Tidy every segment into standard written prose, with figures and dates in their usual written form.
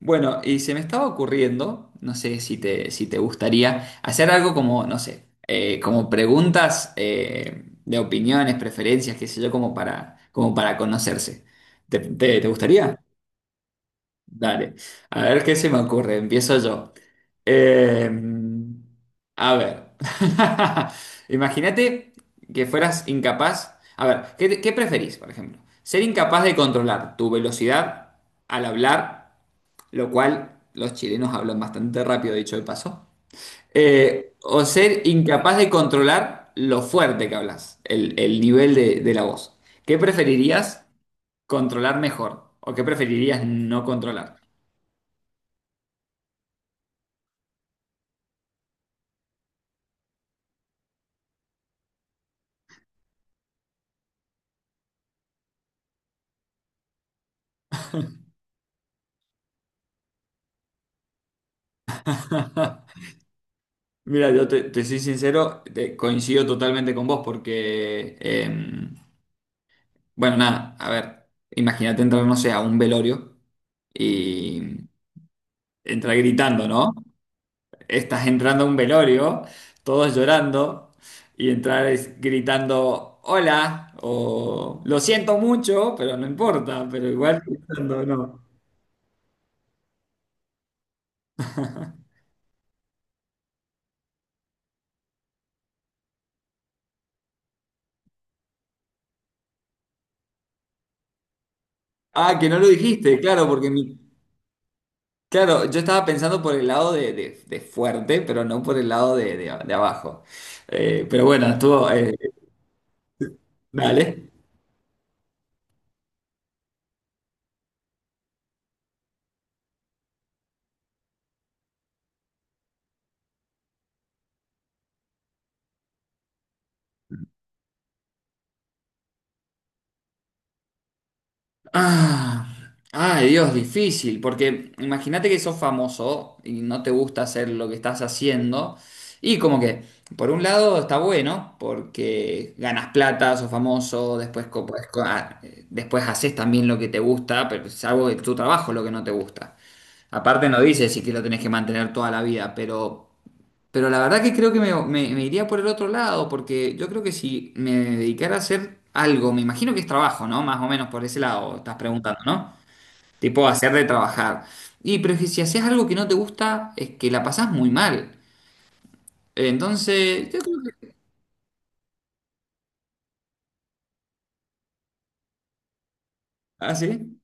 Bueno, y se me estaba ocurriendo, no sé si te gustaría, hacer algo como, no sé, como preguntas de opiniones, preferencias, qué sé yo, como para conocerse. ¿Te gustaría? Dale. A ver qué se me ocurre. Empiezo yo. Eh, a ver. Imagínate que fueras incapaz. A ver, ¿qué preferís, por ejemplo? ¿Ser incapaz de controlar tu velocidad al hablar? Lo cual los chilenos hablan bastante rápido, dicho de paso, o ser incapaz de controlar lo fuerte que hablas, el nivel de la voz. ¿Qué preferirías controlar mejor o qué preferirías no controlar? Mira, yo te soy sincero, coincido totalmente con vos porque, bueno, nada, a ver, imagínate entrar, no sé, a un velorio y entrar gritando, ¿no? Estás entrando a un velorio, todos llorando, y gritando hola, o lo siento mucho, pero no importa, pero igual gritando, no. Ah, que no lo dijiste, claro, porque mi, claro, yo estaba pensando por el lado de, de fuerte, pero no por el lado de, de abajo. Pero bueno, estuvo, dale. Ah, ay, Dios, difícil, porque imagínate que sos famoso y no te gusta hacer lo que estás haciendo. Y como que, por un lado está bueno, porque ganas plata, sos famoso, después, después haces también lo que te gusta, pero es algo de tu trabajo lo que no te gusta. Aparte no dices si que lo tenés que mantener toda la vida, pero... Pero la verdad que creo que me, me iría por el otro lado, porque yo creo que si me dedicara a hacer algo, me imagino que es trabajo, ¿no? Más o menos por ese lado estás preguntando, ¿no? Tipo hacer de trabajar. Y pero es que si haces algo que no te gusta, es que la pasás muy mal. Entonces, yo creo que... ¿Ah, sí?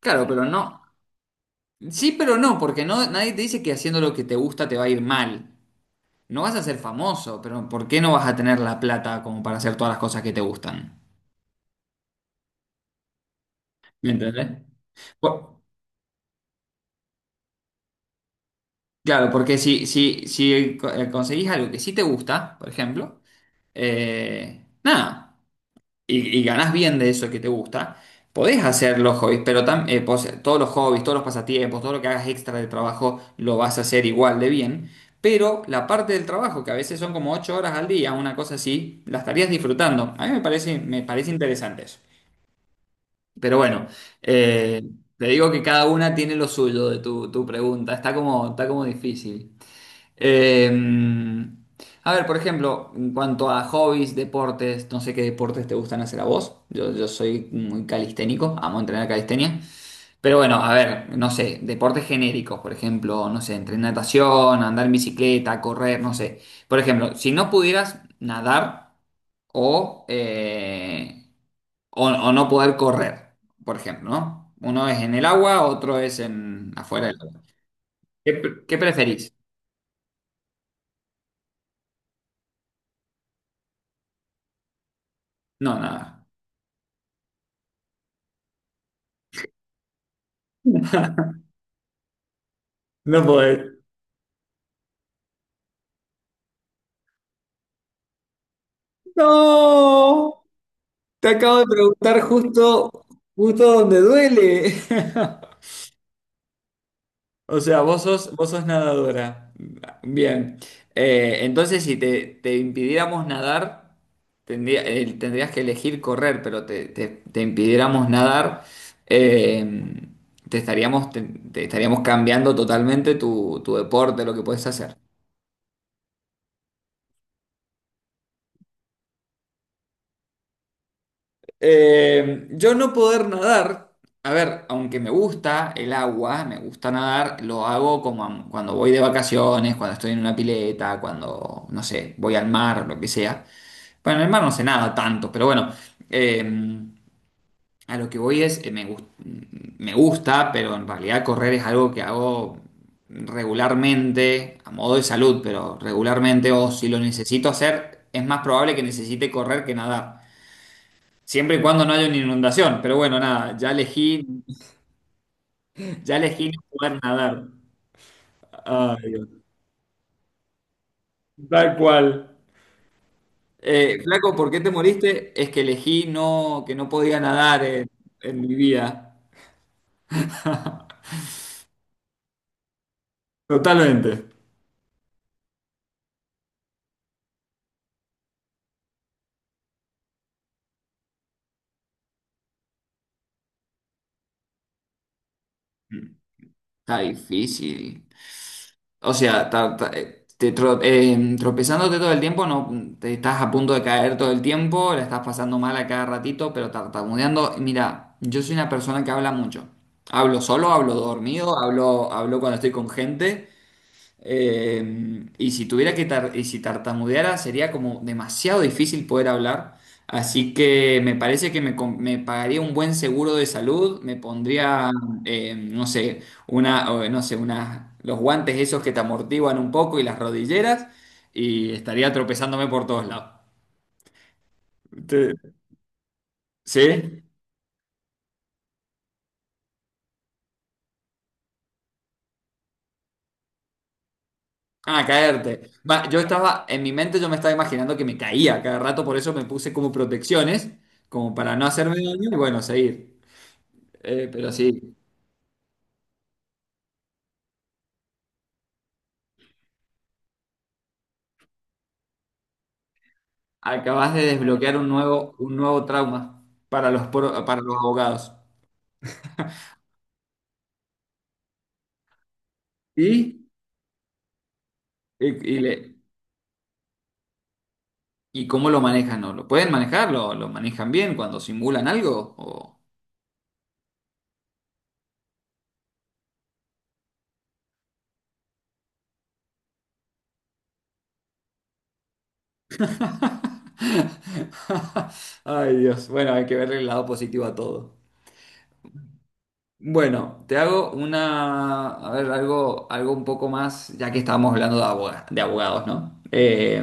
Claro, pero no. Sí, pero no, porque no, nadie te dice que haciendo lo que te gusta te va a ir mal. No vas a ser famoso, pero ¿por qué no vas a tener la plata como para hacer todas las cosas que te gustan? ¿Me entendés? Por- Claro, porque si conseguís algo que sí te gusta, por ejemplo, nada, y ganás bien de eso que te gusta, podés hacer los hobbies, pero todos los hobbies, todos los pasatiempos, todo lo que hagas extra del trabajo, lo vas a hacer igual de bien, pero la parte del trabajo, que a veces son como 8 horas al día, una cosa así, la estarías disfrutando. A mí me parece interesante eso. Pero bueno, eh, te digo que cada una tiene lo suyo de tu pregunta, está como difícil. Eh, a ver, por ejemplo, en cuanto a hobbies, deportes, no sé qué deportes te gustan hacer a vos. Yo soy muy calisténico, amo entrenar calistenia. Pero bueno, a ver, no sé, deportes genéricos, por ejemplo, no sé, entrenar natación, andar en bicicleta, correr, no sé. Por ejemplo, si no pudieras nadar o, o no poder correr, por ejemplo, ¿no? Uno es en el agua, otro es en afuera del agua. ¿Qué preferís? No, nada. No podés. No, te acabo de preguntar justo, justo donde duele. O sea, vos sos nadadora. Bien. Entonces, si te, te impidiéramos nadar, tendrías que elegir correr, pero te impidiéramos nadar, eh, te estaríamos, te, te estaríamos cambiando totalmente tu deporte, lo que puedes hacer. Yo no poder nadar, a ver, aunque me gusta el agua, me gusta nadar, lo hago cuando voy de vacaciones, cuando estoy en una pileta, cuando, no sé, voy al mar o lo que sea. Bueno, en el mar no sé nada tanto, pero bueno, eh, a lo que voy es, me gusta, pero en realidad correr es algo que hago regularmente, a modo de salud, pero regularmente, o si lo necesito hacer, es más probable que necesite correr que nadar. Siempre y cuando no haya una inundación, pero bueno, nada, ya elegí no poder nadar. Ay, Dios. Tal cual. Flaco, ¿por qué te moriste? Es que elegí no, que no podía nadar en mi vida. Totalmente. Está difícil. O sea, tropezándote todo el tiempo, no te estás a punto de caer todo el tiempo, la estás pasando mal a cada ratito, pero tartamudeando. Mira, yo soy una persona que habla mucho. Hablo solo, hablo dormido, hablo cuando estoy con gente. Y si tartamudeara sería como demasiado difícil poder hablar. Así que me parece que me, me pagaría un buen seguro de salud, me pondría, no sé, una, o, no sé, una, los guantes esos que te amortiguan un poco y las rodilleras y estaría tropezándome por todos lados. Te- ¿Sí? Ah, caerte. Va, yo estaba, en mi mente yo me estaba imaginando que me caía cada rato, por eso me puse como protecciones, como para no hacerme daño y bueno, seguir. Pero sí, acabas de desbloquear un nuevo trauma para para los abogados. ¿Y? Y, y le- ¿Y cómo lo manejan? ¿No? ¿Lo pueden manejar? Lo manejan bien cuando simulan algo? ¿O- Ay, Dios. Bueno, hay que ver el lado positivo a todo. Bueno, te hago una, a ver, algo, algo un poco más, ya que estábamos hablando de de abogados, ¿no?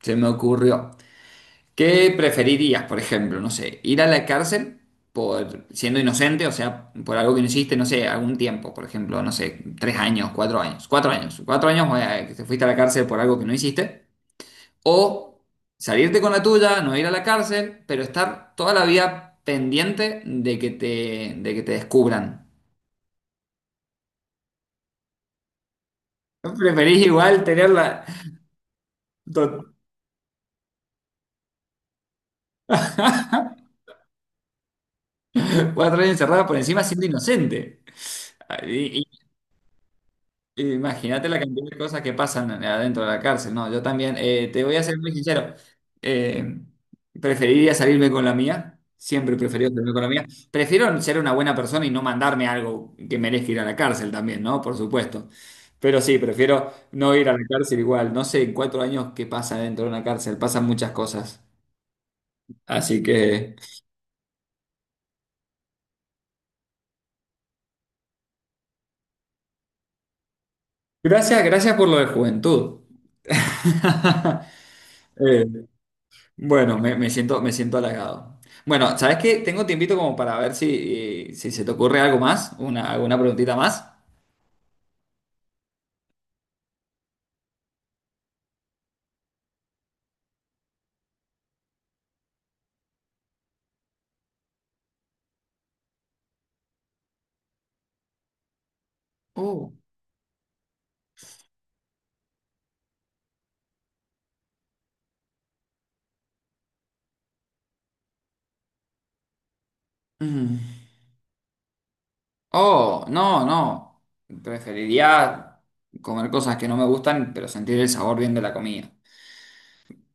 Se me ocurrió. ¿Qué preferirías, por ejemplo? No sé, ir a la cárcel por siendo inocente, o sea, por algo que no hiciste, no sé, algún tiempo, por ejemplo, no sé, tres años, cuatro años, cuatro años, cuatro años que te fuiste a la cárcel por algo que no hiciste, o salirte con la tuya, no ir a la cárcel, pero estar toda la vida pendiente de que te descubran. ¿No ¿Preferís igual tenerla to- 4 años encerrada por encima siendo inocente? Imagínate la cantidad de cosas que pasan adentro de la cárcel. No, yo también, te voy a ser muy sincero, eh, preferiría salirme con la mía, siempre he preferido salirme con la mía. Prefiero ser una buena persona y no mandarme algo que merezca ir a la cárcel también, ¿no? Por supuesto. Pero sí, prefiero no ir a la cárcel igual. No sé en 4 años qué pasa dentro de una cárcel, pasan muchas cosas. Así que, gracias, gracias por lo de juventud. Eh, bueno, me siento halagado. Bueno, ¿sabes qué? Tengo tiempito como para ver si, si se te ocurre algo más, una, alguna preguntita más. Oh, mm. Oh, no, no. Preferiría comer cosas que no me gustan, pero sentir el sabor bien de la comida.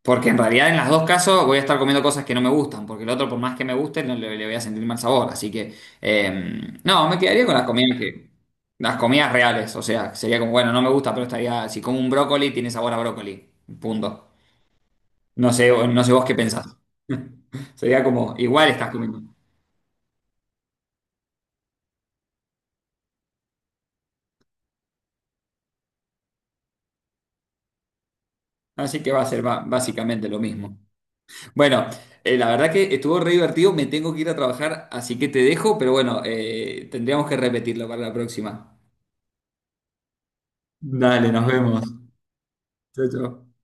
Porque en realidad en los dos casos voy a estar comiendo cosas que no me gustan, porque el otro por más que me guste no le voy a sentir mal sabor. Así que no, me quedaría con las comidas que, las comidas reales. O sea, sería como, bueno, no me gusta, pero estaría, si como un brócoli, tiene sabor a brócoli. Punto. No sé, no sé vos qué pensás. Sería como, igual estás comiendo. Así que va a ser básicamente lo mismo. Bueno, la verdad que estuvo re divertido, me tengo que ir a trabajar, así que te dejo, pero bueno, tendríamos que repetirlo para la próxima. Dale, nos vemos. Chao, chao.